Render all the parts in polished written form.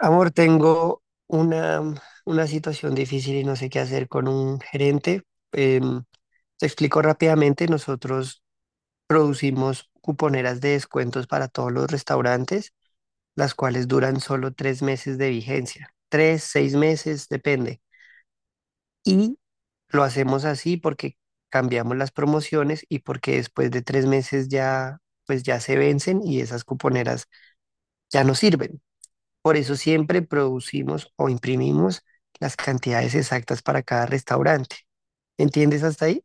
Amor, tengo una situación difícil y no sé qué hacer con un gerente. Em, te explico rápidamente, nosotros producimos cuponeras de descuentos para todos los restaurantes, las cuales duran solo 3 meses de vigencia, 3, 6 meses, depende. Y lo hacemos así porque cambiamos las promociones y porque después de 3 meses ya, pues ya se vencen y esas cuponeras ya no sirven. Por eso siempre producimos o imprimimos las cantidades exactas para cada restaurante. ¿Entiendes hasta ahí?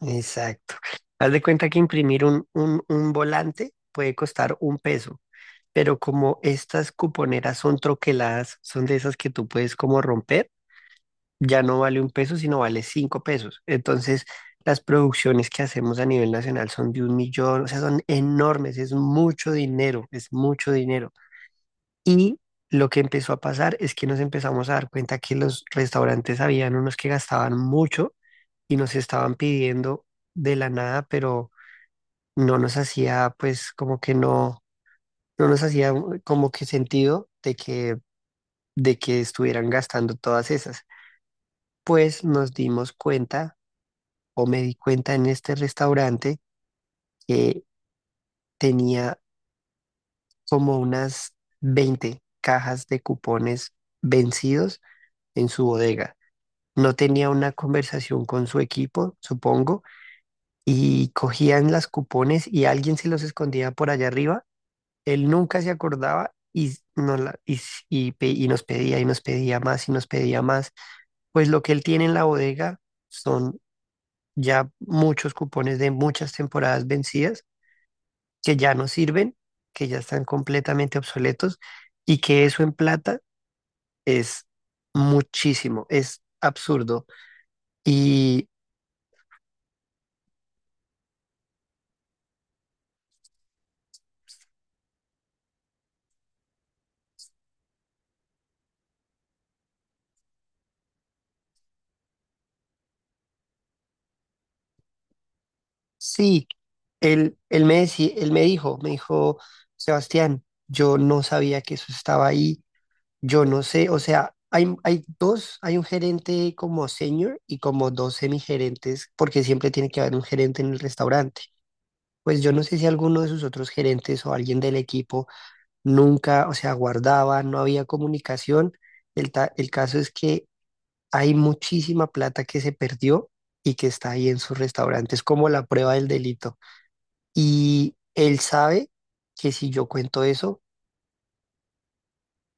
Exacto. Haz de cuenta que imprimir un volante puede costar 1 peso, pero como estas cuponeras son troqueladas, son de esas que tú puedes como romper, ya no vale 1 peso, sino vale 5 pesos. Entonces, las producciones que hacemos a nivel nacional son de 1.000.000, o sea, son enormes, es mucho dinero, es mucho dinero. Y lo que empezó a pasar es que nos empezamos a dar cuenta que los restaurantes habían unos que gastaban mucho y nos estaban pidiendo de la nada, pero no nos hacía pues como que no, no nos hacía como que sentido de que estuvieran gastando todas esas. Pues nos dimos cuenta o me di cuenta en este restaurante que tenía como unas 20 cajas de cupones vencidos en su bodega. No tenía una conversación con su equipo, supongo, y cogían las cupones y alguien se los escondía por allá arriba. Él nunca se acordaba y nos pedía y nos pedía más y nos pedía más. Pues lo que él tiene en la bodega son ya muchos cupones de muchas temporadas vencidas que ya no sirven, que ya están completamente obsoletos y que eso en plata es muchísimo, es absurdo. Y sí, él me dijo, Sebastián, yo no sabía que eso estaba ahí, yo no sé, o sea, hay dos, hay un gerente como senior y como dos semigerentes, porque siempre tiene que haber un gerente en el restaurante. Pues yo no sé si alguno de sus otros gerentes o alguien del equipo nunca, o sea, guardaba, no había comunicación. El caso es que hay muchísima plata que se perdió y que está ahí en sus restaurantes, como la prueba del delito. Y él sabe que si yo cuento eso,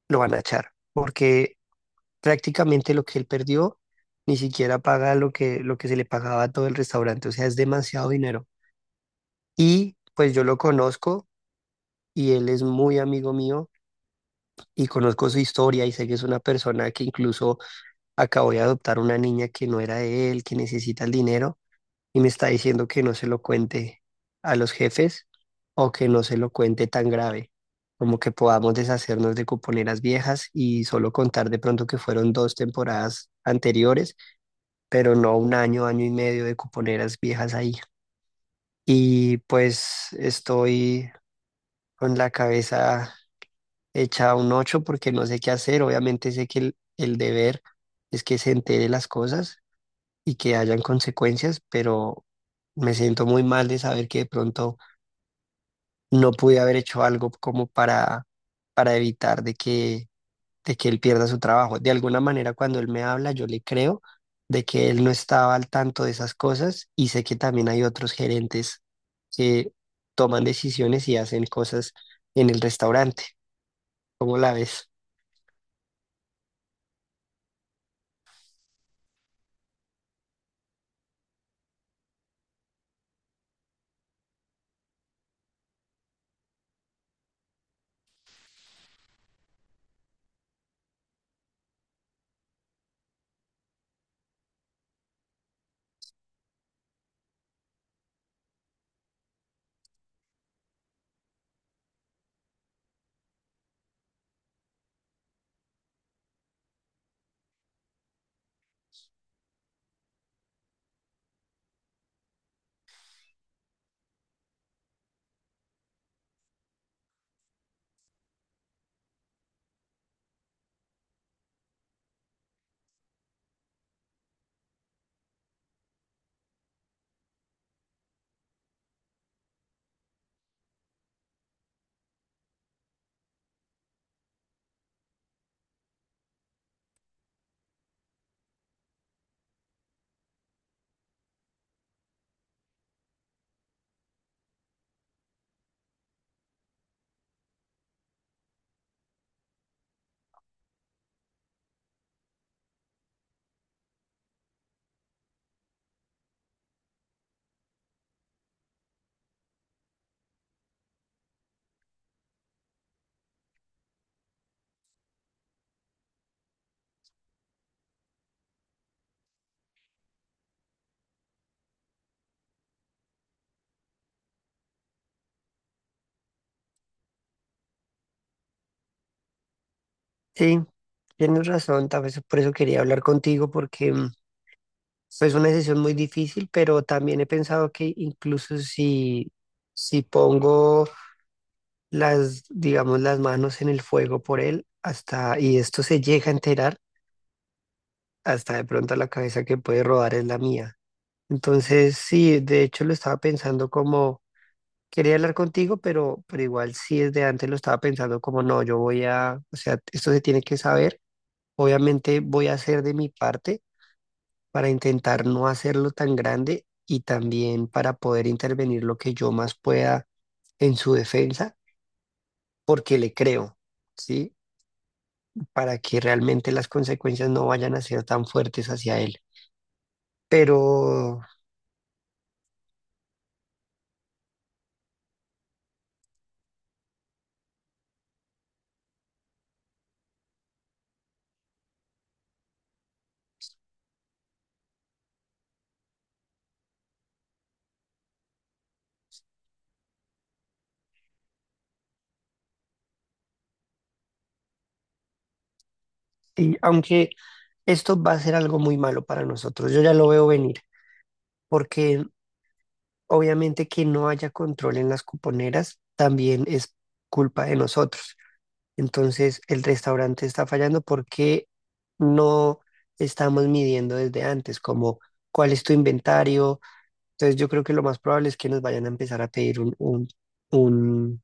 lo van a echar, porque prácticamente lo que él perdió ni siquiera paga lo que se le pagaba a todo el restaurante, o sea, es demasiado dinero. Y pues yo lo conozco y él es muy amigo mío y conozco su historia y sé que es una persona que incluso acabó de adoptar una niña que no era de él, que necesita el dinero. Y me está diciendo que no se lo cuente a los jefes o que no se lo cuente tan grave, como que podamos deshacernos de cuponeras viejas y solo contar de pronto que fueron 2 temporadas anteriores, pero no 1 año, año y medio de cuponeras viejas ahí. Y pues estoy con la cabeza hecha un ocho porque no sé qué hacer. Obviamente sé que el deber es que se entere las cosas y que hayan consecuencias, pero me siento muy mal de saber que de pronto no pude haber hecho algo como para evitar de que él pierda su trabajo. De alguna manera, cuando él me habla, yo le creo de que él no estaba al tanto de esas cosas y sé que también hay otros gerentes que toman decisiones y hacen cosas en el restaurante. ¿Cómo la ves? Sí, tienes razón, tal vez por eso quería hablar contigo porque es una decisión muy difícil, pero también he pensado que incluso si pongo las, digamos, las manos en el fuego por él hasta, y esto se llega a enterar hasta de pronto la cabeza que puede rodar es la mía. Entonces, sí, de hecho lo estaba pensando como, quería hablar contigo, pero igual sí desde antes lo estaba pensando como, no, yo voy a, o sea, esto se tiene que saber, obviamente voy a hacer de mi parte para intentar no hacerlo tan grande y también para poder intervenir lo que yo más pueda en su defensa, porque le creo. ¿Sí? Para que realmente las consecuencias no vayan a ser tan fuertes hacia él. Pero, y aunque esto va a ser algo muy malo para nosotros, yo ya lo veo venir, porque obviamente que no haya control en las cuponeras también es culpa de nosotros. Entonces, el restaurante está fallando porque no estamos midiendo desde antes, como cuál es tu inventario. Entonces, yo creo que lo más probable es que nos vayan a empezar a pedir un,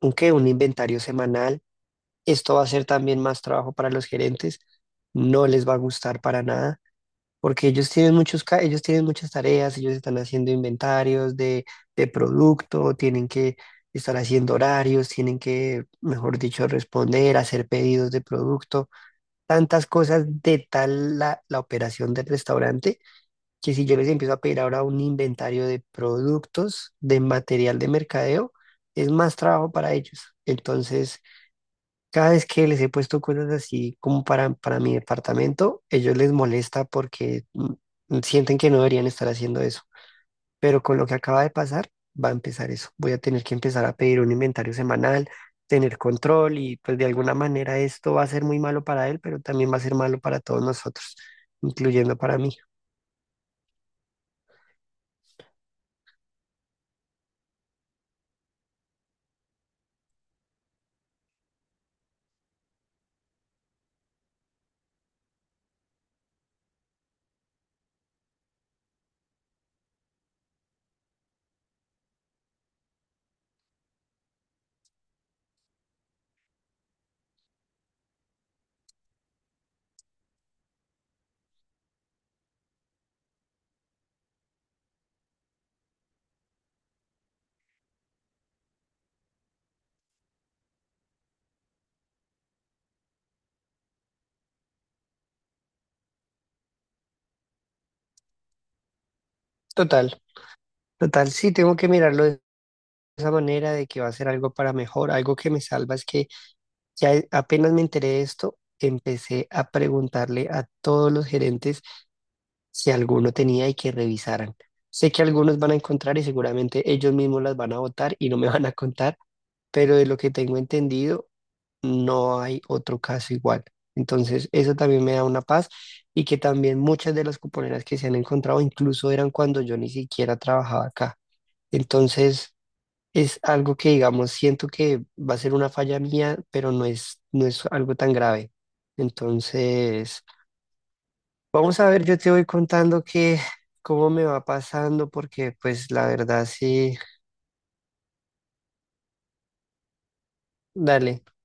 un, ¿qué? Un inventario semanal. Esto va a ser también más trabajo para los gerentes, no les va a gustar para nada, porque ellos tienen muchas tareas, ellos están haciendo inventarios de producto, tienen que estar haciendo horarios, tienen que, mejor dicho, responder, hacer pedidos de producto, tantas cosas de tal la operación del restaurante, que si yo les empiezo a pedir ahora un inventario de productos, de material de mercadeo, es más trabajo para ellos. Entonces... Cada vez que les he puesto cosas así como para mi departamento, ellos les molesta porque sienten que no deberían estar haciendo eso. Pero con lo que acaba de pasar, va a empezar eso. Voy a tener que empezar a pedir un inventario semanal, tener control y pues de alguna manera esto va a ser muy malo para él, pero también va a ser malo para todos nosotros, incluyendo para mí. Total, total, sí, tengo que mirarlo de esa manera de que va a ser algo para mejor. Algo que me salva es que apenas me enteré de esto, empecé a preguntarle a todos los gerentes si alguno tenía y que revisaran. Sé que algunos van a encontrar y seguramente ellos mismos las van a votar y no me van a contar, pero de lo que tengo entendido, no hay otro caso igual. Entonces, eso también me da una paz y que también muchas de las cuponeras que se han encontrado incluso eran cuando yo ni siquiera trabajaba acá. Entonces, es algo que, digamos, siento que va a ser una falla mía, pero no es algo tan grave. Entonces, vamos a ver, yo te voy contando que cómo me va pasando, porque pues la verdad sí, dale.